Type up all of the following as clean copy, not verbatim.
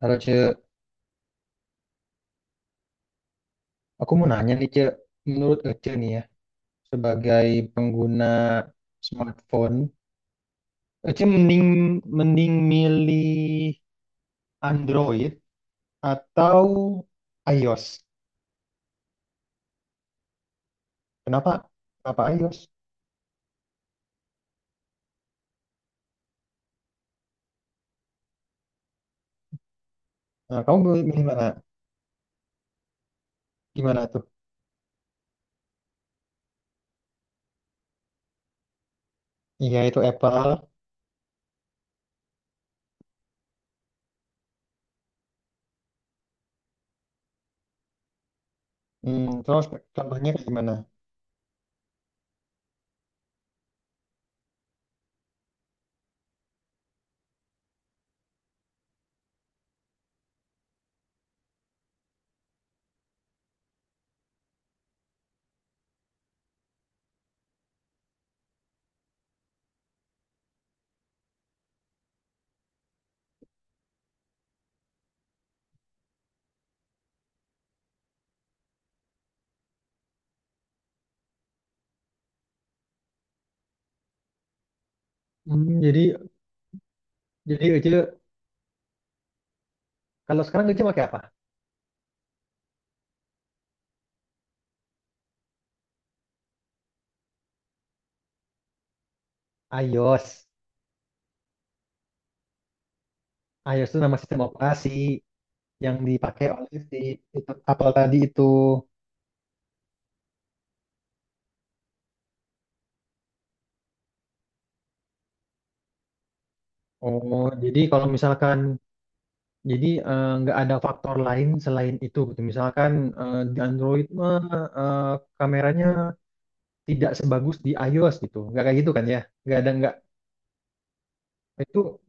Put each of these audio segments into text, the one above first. Halo Ce, aku mau nanya nih Ce, menurut Ece nih ya, sebagai pengguna smartphone, Ece mending mending milih Android atau iOS. Kenapa? Kenapa iOS? Nah, kamu milih mana? Gimana tuh? Iya itu Apple. Hmm, terus contohnya kayak gimana? Hmm, jadi Ece kalau sekarang Ece pakai apa? iOS. iOS itu nama sistem operasi yang dipakai oleh si itu Apple tadi itu. Oh, jadi kalau misalkan jadi nggak ada faktor lain selain itu, gitu. Misalkan di Android mah eh, kameranya tidak sebagus di iOS gitu, nggak kayak gitu kan ya? Nggak ada nggak itu.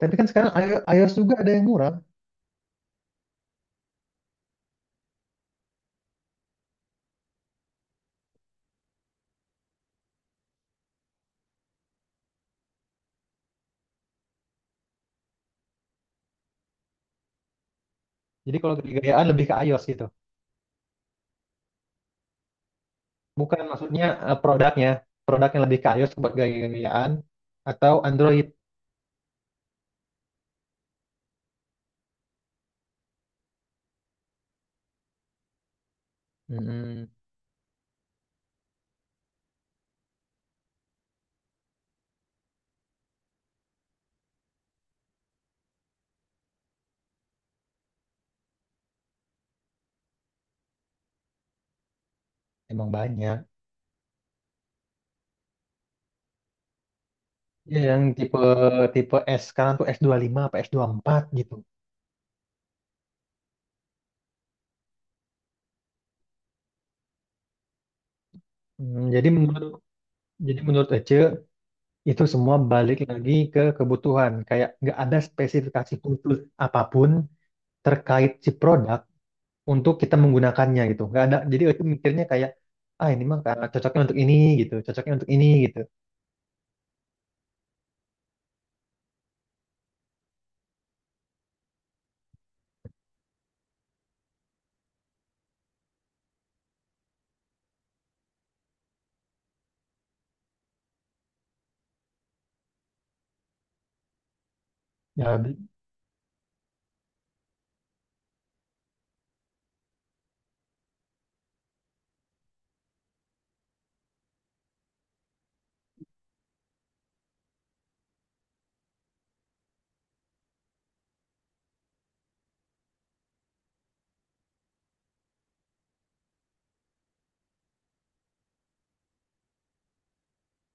Tapi kan sekarang iOS juga ada yang murah. Jadi kalau gaya-gayaan lebih ke iOS gitu, bukan maksudnya produknya, produknya lebih ke iOS buat gaya-gayaan atau Android. Mm-mm. Emang banyak. Ya, yang tipe tipe S sekarang tuh S25 apa S24 gitu. Hmm, jadi menurut Ece, itu semua balik lagi ke kebutuhan. Kayak nggak ada spesifikasi khusus apapun terkait si produk untuk kita menggunakannya gitu. Nggak ada. Jadi Ece mikirnya kayak, ah ini mah karena cocoknya untuk ini gitu, cocoknya untuk ini gitu. Ya,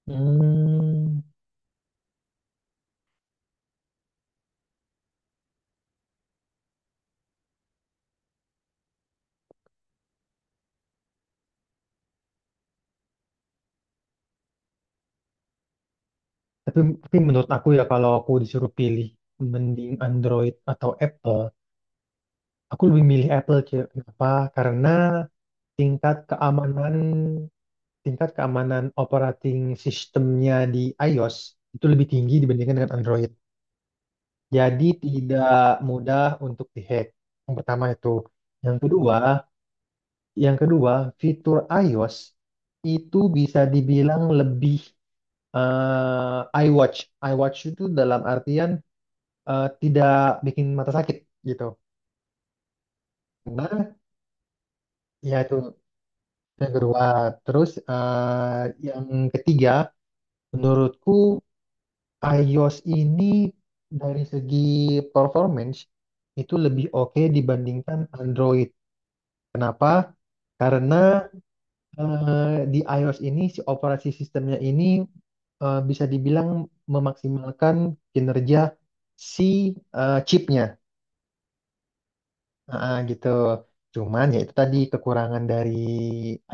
hmm, tapi, tapi menurut aku ya kalau aku disuruh pilih mending Android atau Apple, aku lebih milih Apple. Ci. Kenapa? Karena tingkat keamanan tingkat keamanan operating sistemnya di iOS itu lebih tinggi dibandingkan dengan Android. Jadi tidak mudah untuk dihack. Yang pertama itu. Yang kedua, yang kedua fitur iOS itu bisa dibilang lebih iWatch. iWatch itu dalam artian tidak bikin mata sakit gitu. Nah, ya itu yang kedua. Terus yang ketiga, menurutku iOS ini dari segi performance itu lebih oke dibandingkan Android. Kenapa? Karena di iOS ini si operasi sistemnya ini bisa dibilang memaksimalkan kinerja si chipnya, gitu. Cuman ya itu tadi kekurangan dari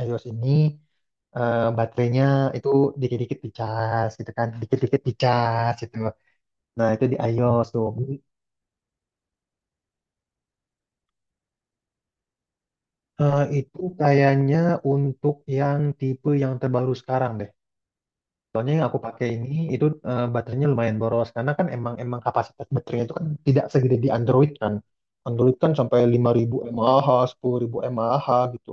iOS ini baterainya itu dikit-dikit dicas gitu kan, dikit-dikit dicas gitu. Nah, itu di iOS tuh. Itu kayaknya untuk yang tipe yang terbaru sekarang deh. Soalnya yang aku pakai ini itu baterainya lumayan boros karena kan emang emang kapasitas baterainya itu kan tidak segede di Android kan. Android kan sampai 5.000 mAh, 10.000 mAh gitu.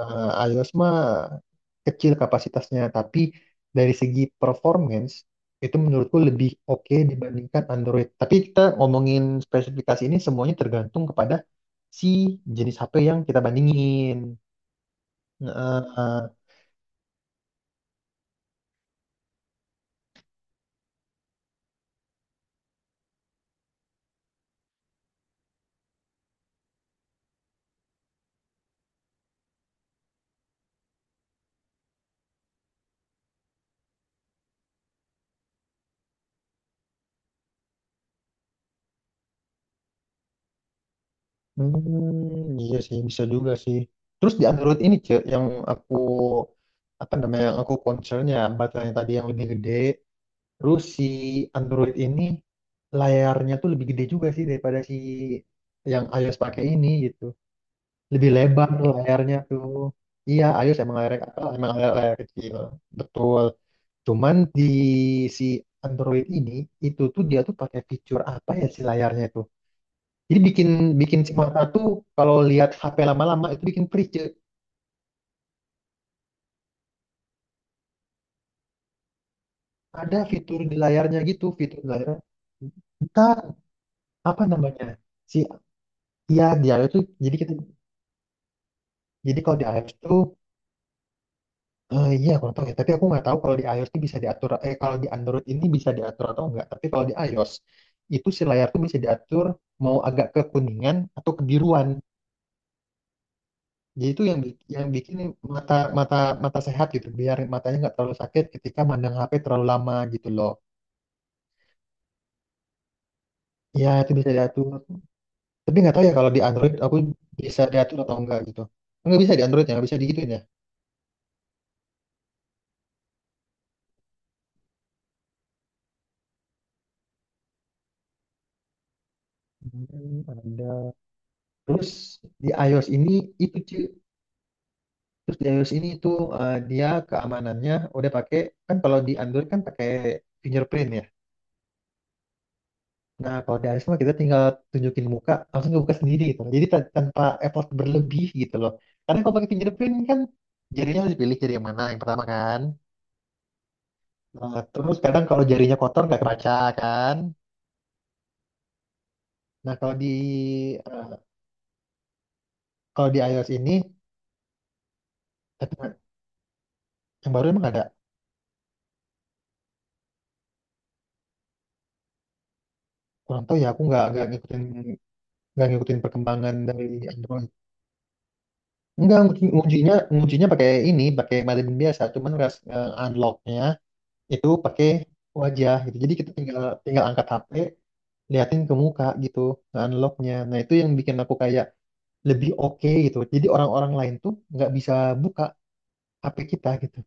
iOS mah kecil kapasitasnya tapi dari segi performance itu menurutku lebih oke dibandingkan Android. Tapi kita ngomongin spesifikasi ini semuanya tergantung kepada si jenis HP yang kita bandingin. Nah, iya sih bisa juga sih. Terus di Android ini cek yang aku apa namanya yang aku concernnya baterainya tadi yang lebih gede. Terus si Android ini layarnya tuh lebih gede juga sih daripada si yang iOS pakai ini gitu. Lebih lebar tuh layarnya tuh. Iya, iOS emang layar kecil. Betul. Cuman di si Android ini itu tuh dia tuh pakai fitur apa ya si layarnya itu? Jadi bikin bikin si mata tuh kalau lihat HP lama-lama itu bikin perih. Ce. Ada fitur di layarnya gitu, fitur di layarnya. Kita apa namanya? Si ya di iOS tuh jadi kalau di iOS tuh iya aku nggak tahu ya, tapi aku nggak tahu kalau di iOS tuh bisa diatur kalau di Android ini bisa diatur atau enggak. Tapi kalau di iOS itu si layar tuh bisa diatur mau agak ke kuningan atau kebiruan. Jadi itu yang yang bikin mata mata mata sehat gitu, biar matanya nggak terlalu sakit ketika mandang HP terlalu lama gitu loh. Ya itu bisa diatur. Tapi nggak tahu ya kalau di Android aku bisa diatur atau enggak gitu. Nggak bisa di Android ya, nggak bisa digituin ya. Hmm, ada. Terus di iOS ini itu Ci. Terus di iOS ini itu dia keamanannya udah pakai kan kalau di Android kan pakai fingerprint ya. Nah kalau di iOS mah kita tinggal tunjukin muka langsung kebuka sendiri gitu. Jadi tanpa effort berlebih gitu loh. Karena kalau pakai fingerprint kan jarinya harus dipilih jari yang mana yang pertama kan. Nah, terus kadang kalau jarinya kotor nggak kebaca kan. Nah, eh, kalau di iOS ini tapi yang baru emang ada. Kurang tahu ya, aku nggak ngikutin perkembangan dari Android. Enggak, ngunci- nguncinya nguncinya pakai ini, pakai Maven biasa, cuman unlocknya itu pakai wajah gitu. Jadi kita tinggal tinggal angkat HP, liatin ke muka gitu, nge-unlocknya. Nah, itu yang bikin aku kayak lebih oke gitu. Jadi orang-orang lain tuh nggak bisa buka HP kita gitu.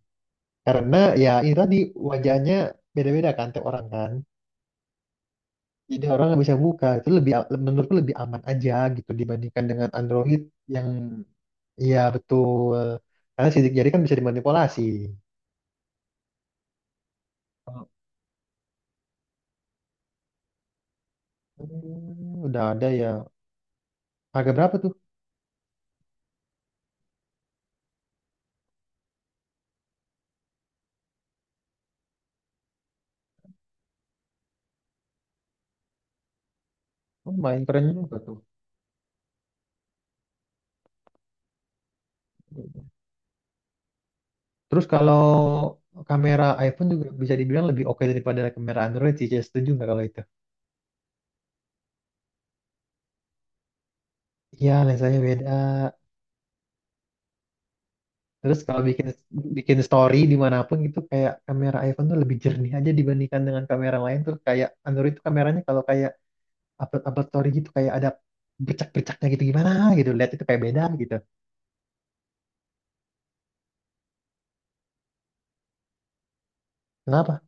Karena ya ini tadi wajahnya beda-beda kan tiap orang kan. Jadi orang nggak bisa buka itu lebih menurutku lebih aman aja gitu dibandingkan dengan Android yang iya betul karena sidik jari kan bisa dimanipulasi. Hmm, udah ada ya, harga berapa tuh? Oh, main keren juga tuh. Terus kalau kamera iPhone juga bisa dibilang lebih oke daripada kamera Android sih, saya setuju nggak kalau itu, iya lensanya beda. Terus kalau bikin bikin story dimanapun gitu kayak kamera iPhone tuh lebih jernih aja dibandingkan dengan kamera lain tuh, kayak Android tuh kameranya kalau kayak upload upload story gitu kayak ada bercak bercaknya gitu, gimana gitu, lihat itu kayak beda gitu. Kenapa?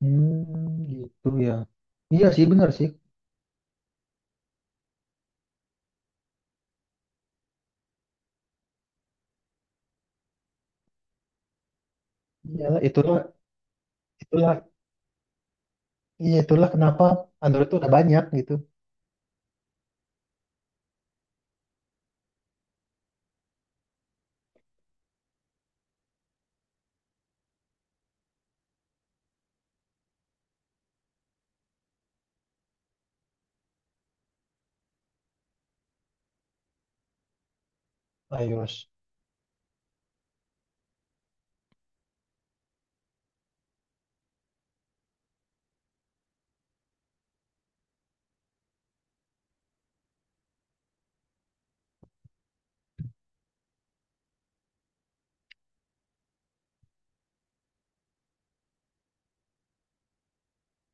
Hmm, gitu ya, iya sih benar sih, iya itulah itulah iya itulah kenapa Android tuh udah banyak gitu. iOS.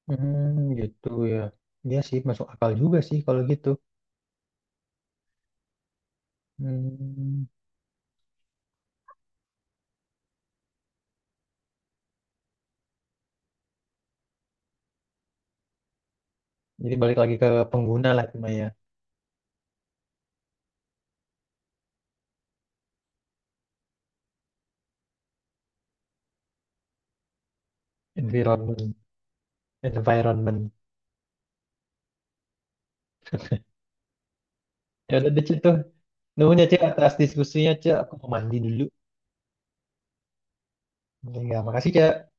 Hmm, gitu ya, iya sih masuk akal juga sih kalau gitu. Hmm, jadi balik lagi ke pengguna lah, cuma ya environment environment ya udah deh Cik, tuh. Nuhun ya Cik atas diskusinya Cik, aku mau mandi dulu. Ya, makasih Cik.